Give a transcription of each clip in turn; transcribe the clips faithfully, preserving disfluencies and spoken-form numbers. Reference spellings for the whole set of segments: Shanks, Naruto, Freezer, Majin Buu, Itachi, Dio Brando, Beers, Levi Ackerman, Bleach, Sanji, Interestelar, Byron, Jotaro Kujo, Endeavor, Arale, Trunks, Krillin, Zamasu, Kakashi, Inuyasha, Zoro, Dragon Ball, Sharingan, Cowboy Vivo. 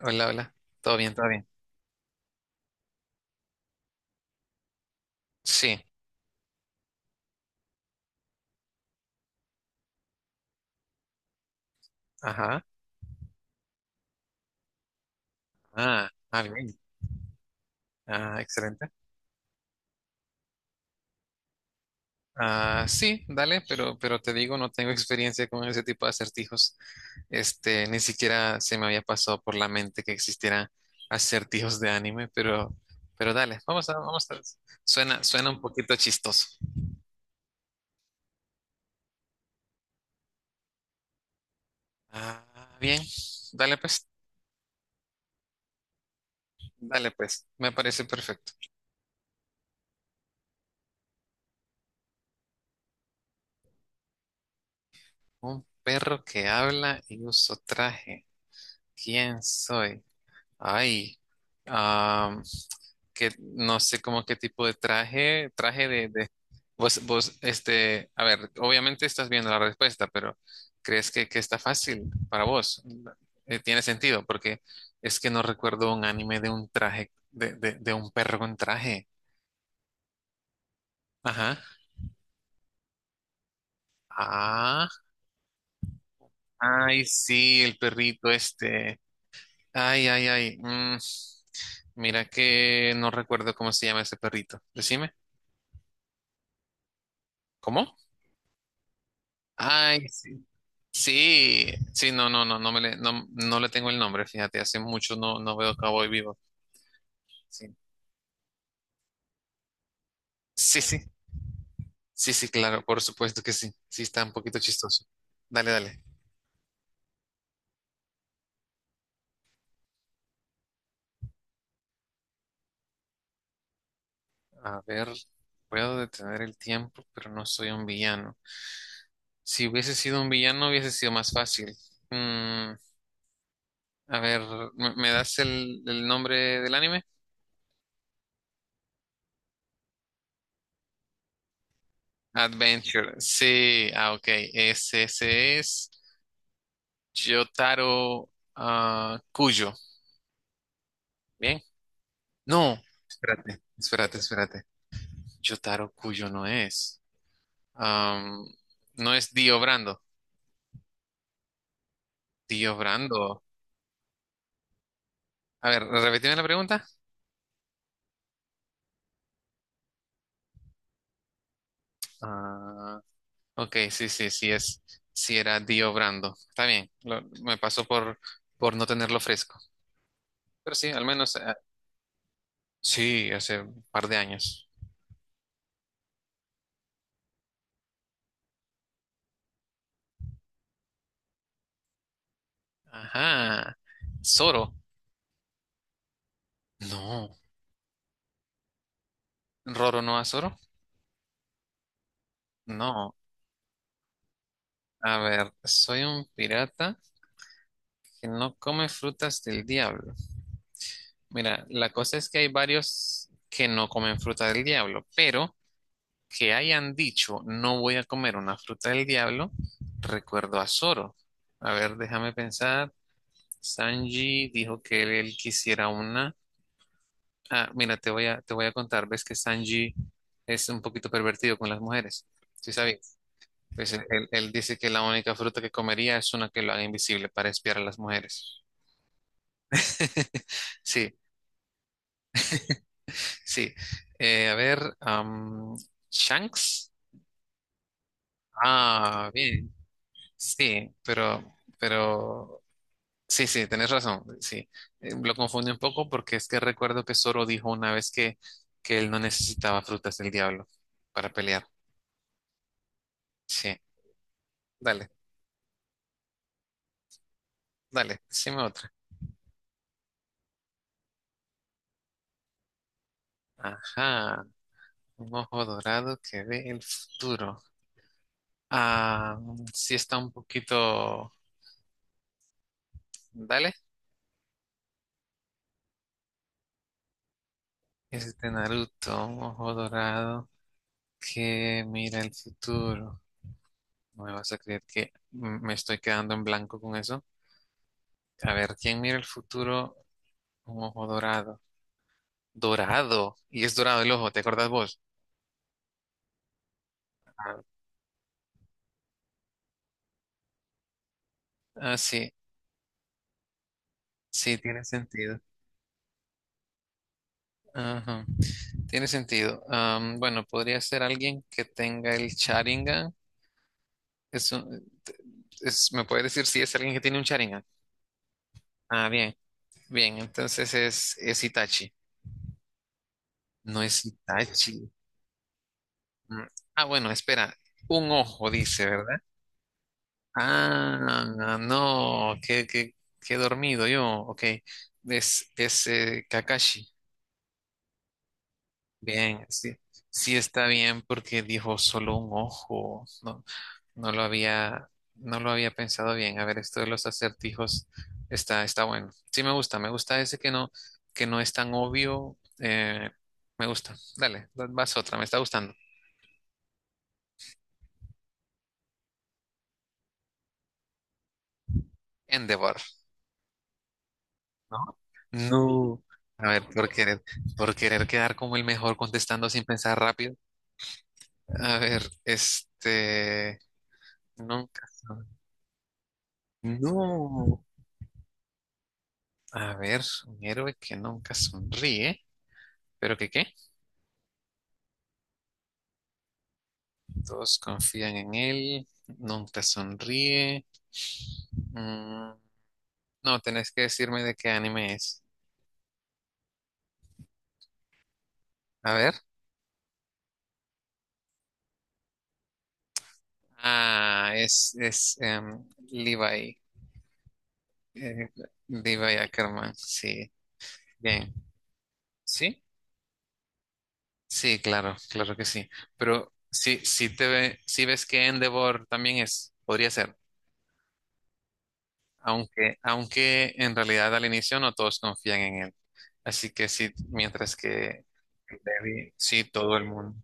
Hola, hola. Todo bien, todo bien. Sí, ajá. Ah, ah, bien. Ah, excelente. Ah, sí, dale, pero, pero te digo, no tengo experiencia con ese tipo de acertijos. Este, ni siquiera se me había pasado por la mente que existieran acertijos de anime, pero, pero dale, vamos a, vamos a. Suena, suena un poquito chistoso. Ah, bien. Dale pues, dale pues. Me parece perfecto. Un perro que habla y uso traje. ¿Quién soy? Ay, am, que no sé cómo qué tipo de traje, traje de, de- vos, vos, este, a ver, obviamente estás viendo la respuesta, pero ¿crees que, que está fácil para vos? Eh, tiene sentido, porque es que no recuerdo un anime de un traje, de, de, de un perro con traje. Ajá. Ah, ay, sí, el perrito este. Ay, ay, ay. mm, Mira que no recuerdo cómo se llama ese perrito. Decime. ¿Cómo? Ay, sí, sí, sí, no, no, no, no me le, no, no le tengo el nombre, fíjate, hace mucho no, no veo Cowboy Vivo. Sí. Sí, sí, sí, sí, claro, por supuesto que sí, sí está un poquito chistoso. Dale, dale. A ver, puedo detener el tiempo, pero no soy un villano. Si hubiese sido un villano, hubiese sido más fácil. Mm, a ver, ¿me, me das el, el nombre del anime? Adventure, sí, ah, ok, ese, ese es Yotaro ah, Kujo. Bien. No, espérate, espérate, espérate. Jotaro Kujo no es. Am, no es Dio Brando. Dio Brando. A ver, repetime la pregunta. Ah, ok, sí, sí, sí es. Sí era Dio Brando. Está bien, lo- me pasó por, por no tenerlo fresco. Pero sí, al menos, ah, sí, hace un par de años. Ajá. Zoro. No. ¿Roro no a Zoro? No. A ver, soy un pirata que no come frutas del diablo. Mira, la cosa es que hay varios que no comen fruta del diablo, pero que hayan dicho no voy a comer una fruta del diablo, recuerdo a Zoro. A ver, déjame pensar. Sanji dijo que él él quisiera una. Ah, mira, te voy a, te voy a contar. Ves que Sanji es un poquito pervertido con las mujeres. Sí, sabes. Pues él, él- él dice que la única fruta que comería es una que lo haga invisible para espiar a las mujeres. Sí, sí. Eh, a ver, am, Shanks. Ah, bien. Sí, pero, pero, sí, sí, tenés razón. Sí, eh, lo confundí un poco porque es que recuerdo que Zoro dijo una vez que, que él no necesitaba frutas del diablo para pelear. Sí, dale, dale, decime otra. Ajá, un ojo dorado que ve el futuro. Ah, sí está un poquito. Dale, es de Naruto, un ojo dorado que mira el futuro. No me vas a creer que m- me estoy quedando en blanco con eso. A ver, ¿quién mira el futuro? Un ojo dorado. Dorado. Y es dorado el ojo, ¿te acordás vos? Ah, sí, sí, tiene sentido. Ajá, tiene sentido. Am, bueno, podría ser alguien que tenga el Sharingan. Es un- es- ¿me puede decir si es alguien que tiene un Sharingan? Ah, bien, bien. Entonces es, es Itachi. No es Itachi. Mm, Ah, bueno, espera. Un ojo, dice, ¿verdad? Ah, no, qué, qué, qué dormido yo. Ok, es, es eh, Kakashi. Bien, sí, sí está bien porque dijo solo un ojo. No, no lo había, no lo había pensado bien. A ver, esto de los acertijos está, está bueno. Sí, me gusta, me gusta ese que no, que no es tan obvio. Eh, me gusta. Dale, vas otra, me está gustando. Endeavor. ¿No? No. A ver, por querer, por querer quedar como el mejor contestando sin pensar rápido. A ver, este, nunca. Son- No. A ver, un héroe que nunca sonríe, pero ¿que qué? Todos confían en él, nunca sonríe. Mm, no, tenés que decirme de qué anime es. A ver. Ah, es, es em, Levi. Eh, Levi Ackerman, sí. Bien. ¿Sí? Sí, claro, claro que sí. Pero sí, sí te ve, sí ves que Endeavor también es, podría ser, aunque, aunque en realidad al inicio no todos confían en él. Así que sí, mientras que Levi, sí, todo el mundo.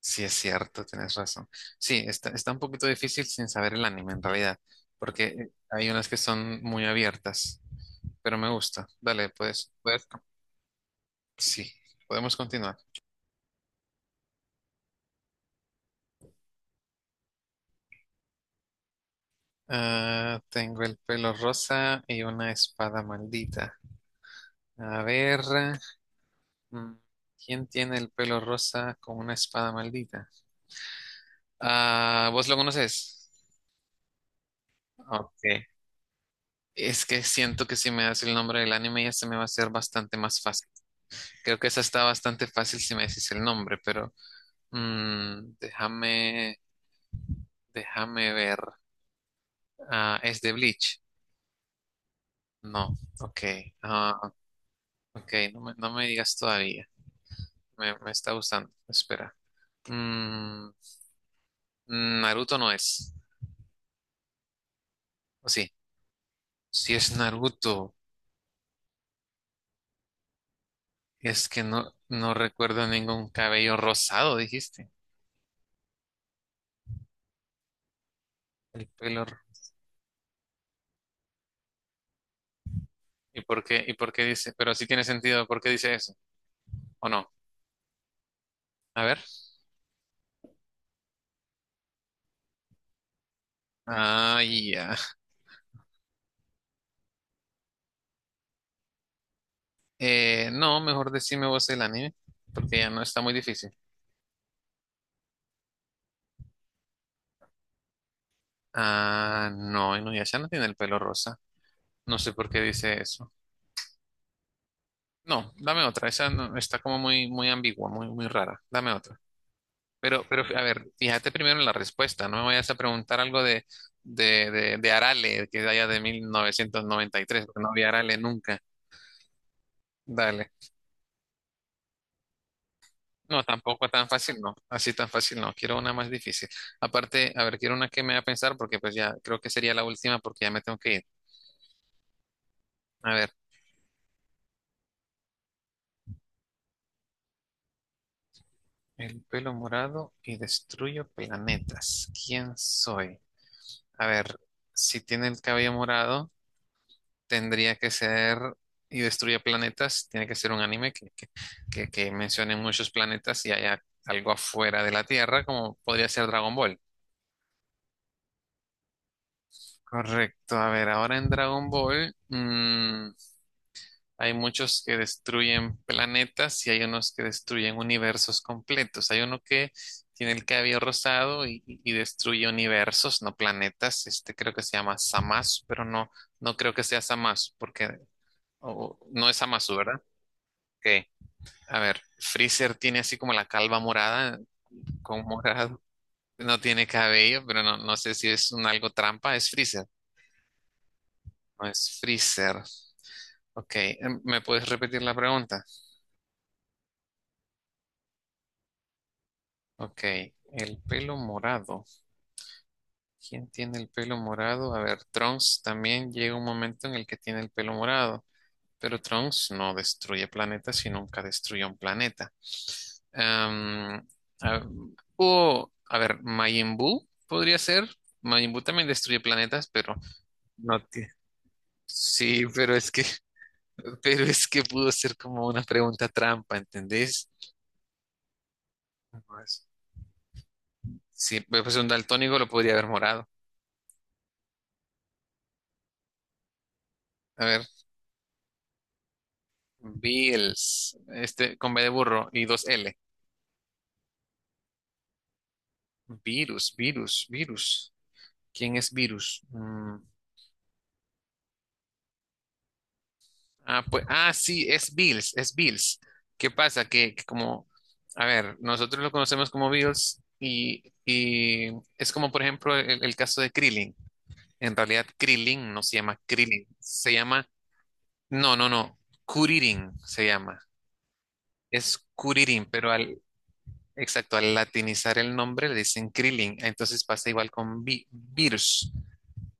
Sí, es cierto, tienes razón. Sí, está, está un poquito difícil sin saber el anime en realidad, porque hay unas que son muy abiertas, pero me gusta. Dale, pues, puedes, sí, podemos continuar. Ah, tengo el pelo rosa y una espada maldita. A ver, mm, ¿quién tiene el pelo rosa con una espada maldita? Ah, ¿vos lo conoces? Ok. Es que siento que si me das el nombre del anime ya se me va a hacer bastante más fácil. Creo que esa está bastante fácil si me decís el nombre, pero mm, déjame, déjame ver. Ah, ¿es de Bleach? No. Ok. Ah, ok, no me, no me digas todavía. Me, me está gustando. Espera. Mm, Naruto no es. O sí, si es Naruto, es que no, no recuerdo ningún cabello rosado, dijiste. El pelo. Ro- ¿Y por qué? ¿Y por qué dice? Pero sí tiene sentido, ¿por qué dice eso? ¿O no? A ver. Ah, ya. Eh, no, mejor decime vos el anime, porque ya no está muy difícil. Ah, no, Inuyasha no tiene el pelo rosa. No sé por qué dice eso. No, dame otra. Esa no- está como muy, muy ambigua, muy, muy rara. Dame otra. Pero, pero, a ver, fíjate primero en la respuesta. No me vayas a preguntar algo de, de, de, de Arale, que es de allá de mil novecientos noventa y tres, porque no había Arale nunca. Dale. No, tampoco tan fácil, no. Así tan fácil, no. Quiero una más difícil. Aparte, a ver, quiero una que me haga pensar, porque pues ya creo que sería la última, porque ya me tengo que ir. A ver, el pelo morado y destruyo planetas. ¿Quién soy? A ver, si tiene el cabello morado, tendría que ser, y destruye planetas, tiene que ser un anime que, que, que, que mencione muchos planetas y haya algo afuera de la Tierra, como podría ser Dragon Ball. Correcto, a ver, ahora en Dragon Ball mm, hay muchos que destruyen planetas y hay unos que destruyen universos completos. Hay uno que tiene el cabello rosado y, y- y destruye universos, no planetas. Este creo que se llama Zamasu, pero no, no creo que sea Zamasu porque o- no es Zamasu, ¿verdad? Ok. A ver, Freezer tiene así como la calva morada, con morado. No tiene cabello, pero no, no sé si es un algo trampa. Es Freezer. No es Freezer. Ok, em, ¿me puedes repetir la pregunta? Ok, el pelo morado. ¿Quién tiene el pelo morado? A ver, Trunks también llega un momento en el que tiene el pelo morado. Pero Trunks no destruye planetas y nunca destruyó un planeta. Am, a- hubo- a ver, Majin Buu podría ser. Majin Buu también destruye planetas, pero no tiene. Sí, pero es que, pero es que pudo ser como una pregunta trampa, ¿entendés? Pues, sí, pues un daltónico lo podría haber morado. A ver, Bills, este con B de burro y dos L. Virus, virus, virus. ¿Quién es virus? Mm, Ah, pues, ah, sí, es Bills, es Bills. ¿Qué pasa? Que, que como, a ver, nosotros lo conocemos como Bills y, y es como, por ejemplo, el, el caso de Krillin. En realidad, Krillin no se llama Krillin, se llama, no, no, no, Kuririn se llama. Es Kuririn, pero al, exacto, al latinizar el nombre le dicen Krillin. Entonces pasa igual con Bi- Beers.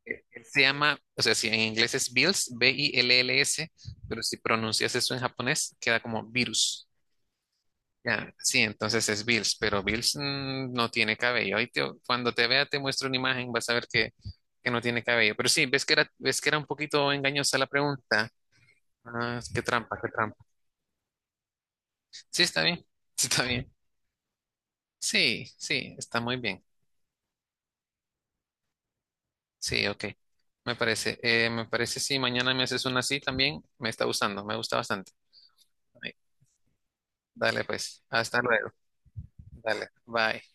Eh, Él se llama, o sea, si en inglés es Bills, B-I-L-L-S, pero si pronuncias eso en japonés, queda como virus. Ya, sí, entonces es Bills, pero Bills mm, no tiene cabello. Ahí te- cuando te vea, te muestro una imagen, vas a ver que, que no tiene cabello. Pero sí, ves que era, ves que era un poquito engañosa la pregunta. Ah, qué trampa, qué trampa. Sí, está bien, sí, está bien. Sí, sí, está muy bien. Sí, ok. Me parece, eh, me parece, sí, mañana me haces una así también, me está gustando, me gusta bastante. Dale pues, hasta luego. Dale, bye.